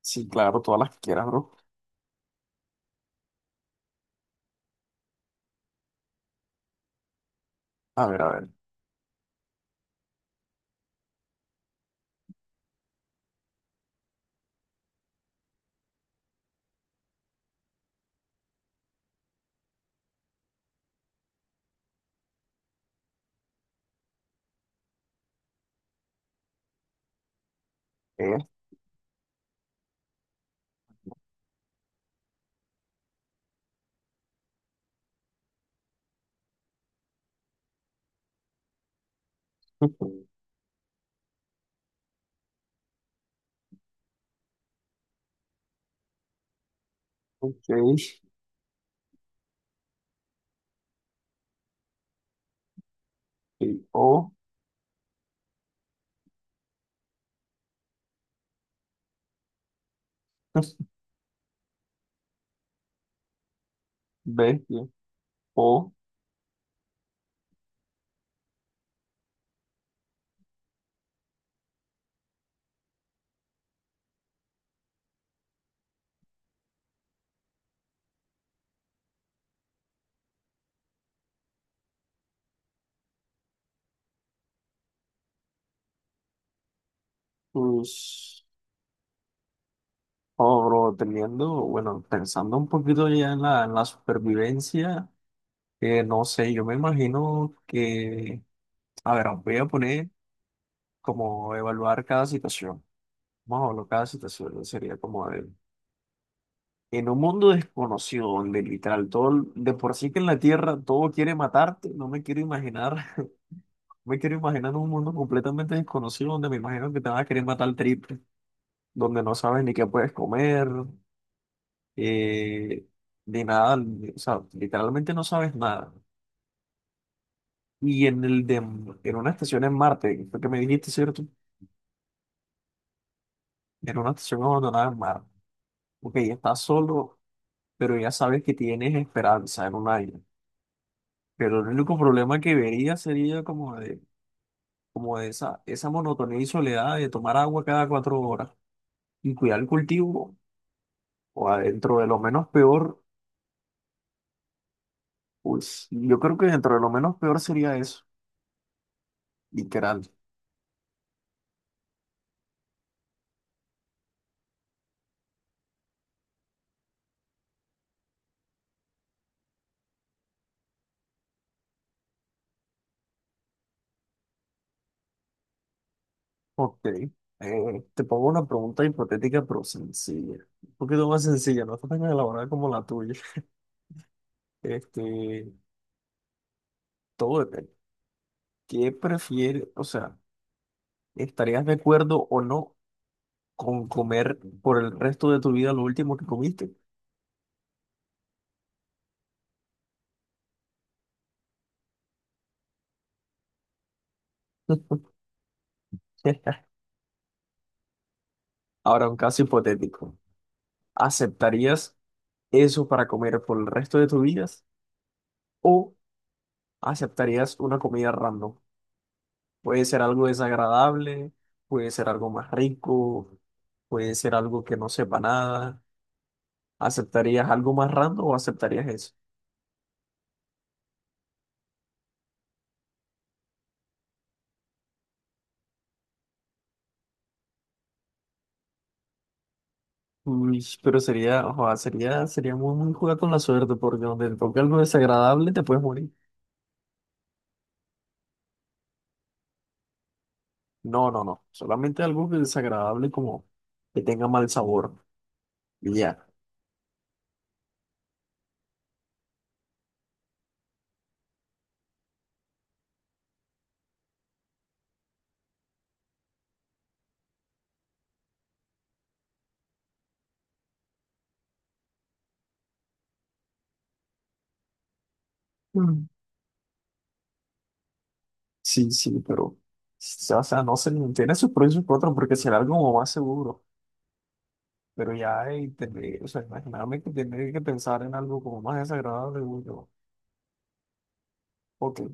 Sí, claro, todas las que quieras, bro. A ver, a ver. E, ok, y bestia. O, pues, oh, bro, teniendo, bueno, pensando un poquito ya en la supervivencia. No sé, yo me imagino que, a ver, voy a poner como evaluar cada situación. Vamos a evaluar cada situación, ¿no? Sería como de, en un mundo desconocido, donde literal todo, de por sí que en la Tierra todo quiere matarte, no me quiero imaginar. Me quiero imaginar un mundo completamente desconocido donde me imagino que te vas a querer matar triple, donde no sabes ni qué puedes comer, eh, ni nada, o sea, literalmente no sabes nada. Y en una estación en Marte, fue que me dijiste, ¿cierto? En una estación abandonada en Marte. Ok, estás solo, pero ya sabes que tienes esperanza en un año. Pero el único problema que vería sería como de esa monotonía y soledad de tomar agua cada 4 horas y cuidar el cultivo, o adentro de lo menos peor, pues yo creo que dentro de lo menos peor sería eso, literal. Ok, te pongo una pregunta hipotética pero sencilla. Un poquito más sencilla, no está tan elaborada como la tuya. Este, todo depende. ¿Qué prefieres? O sea, ¿estarías de acuerdo o no con comer por el resto de tu vida lo último que comiste? Ahora, un caso hipotético. ¿Aceptarías eso para comer por el resto de tu vida? ¿O aceptarías una comida random? Puede ser algo desagradable, puede ser algo más rico, puede ser algo que no sepa nada. ¿Aceptarías algo más random o aceptarías eso? Uy, pero ojo, sería muy, muy jugar con la suerte, porque donde te toque algo desagradable te puedes morir. No, no, no. Solamente algo que desagradable como que tenga mal sabor. Y ya. Mm. Sí, sí, pero... O sea, no sé, tiene sus pros y sus contras, porque será algo como más seguro. Pero ya, y tener, o sea, imagíname que tiene que pensar en algo como más desagradable, uy, yo, porque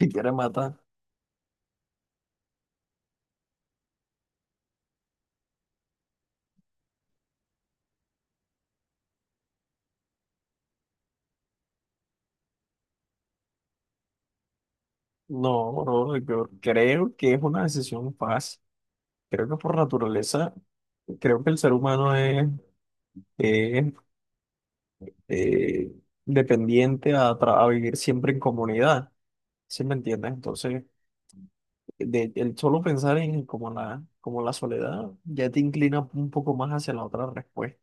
si quiere matar, no, bro, yo creo que es una decisión fácil. Creo que por naturaleza, creo que el ser humano es, eh, dependiente a, a vivir siempre en comunidad, ¿sí me entiendes? Entonces, de, el solo pensar en como la soledad ya te inclina un poco más hacia la otra respuesta.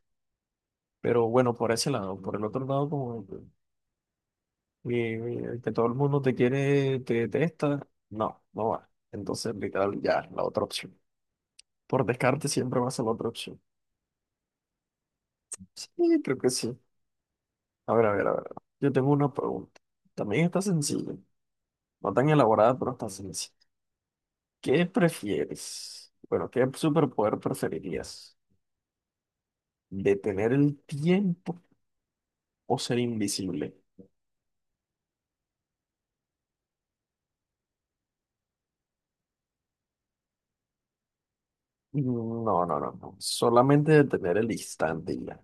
Pero bueno, por ese lado, por el otro lado, como... Y que todo el mundo te quiere, te detesta, no, no va. Entonces, literal, ya, la otra opción. Por descarte siempre va a ser la otra opción. Sí, creo que sí. A ver, a ver, a ver. Yo tengo una pregunta. También está sencilla. No tan elaborada, pero está sencilla. ¿Qué prefieres? Bueno, ¿qué superpoder preferirías? ¿Detener el tiempo o ser invisible? Mm, no, no, no, no. Solamente detener el instante y ya.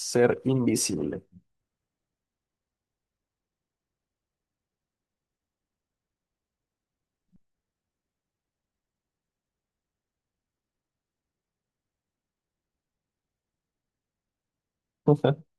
Ser invisible.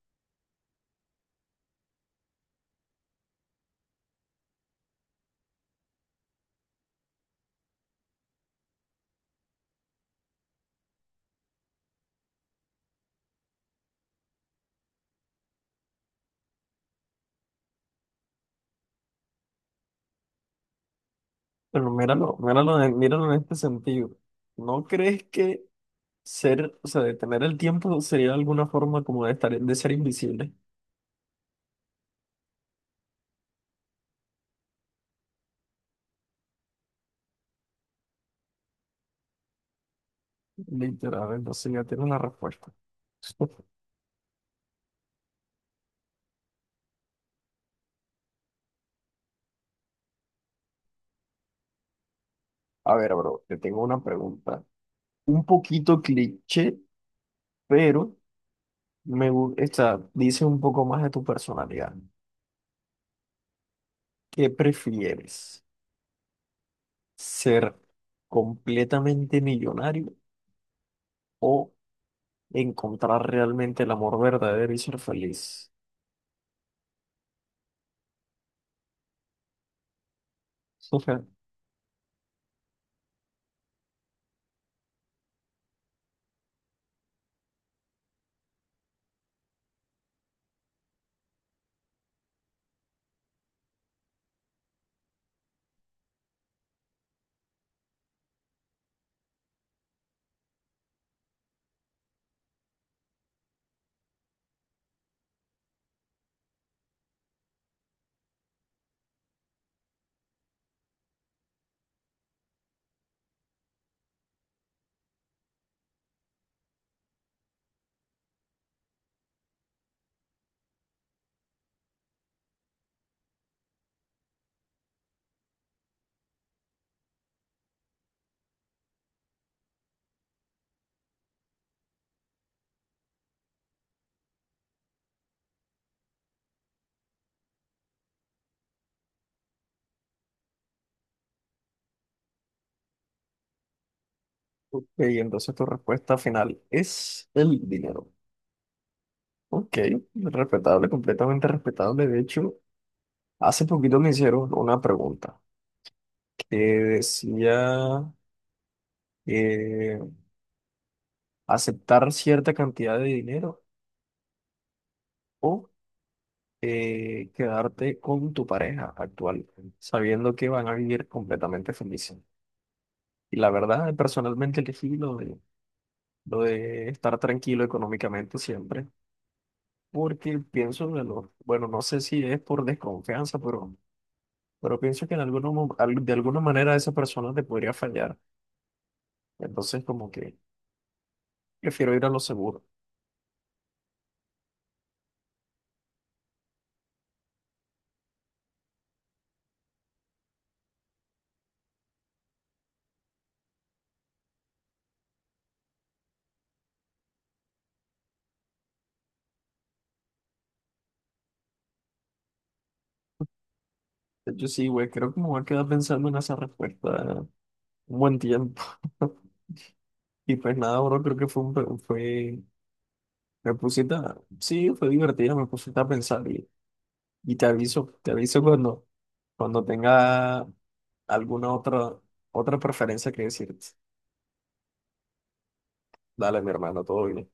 Bueno, míralo, míralo, míralo en este sentido. ¿No crees que o sea, detener el tiempo sería alguna forma como de estar, de ser invisible? Literal, entonces ya tienes la respuesta. A ver, bro, te tengo una pregunta. Un poquito cliché, pero esta dice un poco más de tu personalidad. ¿Qué prefieres? ¿Ser completamente millonario o encontrar realmente el amor verdadero y ser feliz? Ok, entonces tu respuesta final es el dinero. Ok, respetable, completamente respetable. De hecho, hace poquito me hicieron una pregunta que decía eh, aceptar cierta cantidad de dinero o quedarte con tu pareja actual, sabiendo que van a vivir completamente felices. Y la verdad, personalmente elegí lo de estar tranquilo económicamente siempre porque pienso bueno, no sé si es por desconfianza, pero, pienso que en alguno mo- al- de alguna manera esa persona te podría fallar. Entonces, como que prefiero ir a lo seguro. De hecho, sí, güey, creo que me voy a quedar pensando en esa respuesta un buen tiempo. Y pues nada, bro, creo que fue fue, me pusiste, sí, fue divertido, me pusiste a pensar y, te aviso cuando, tenga alguna otra preferencia que decirte. Dale, mi hermano, todo bien.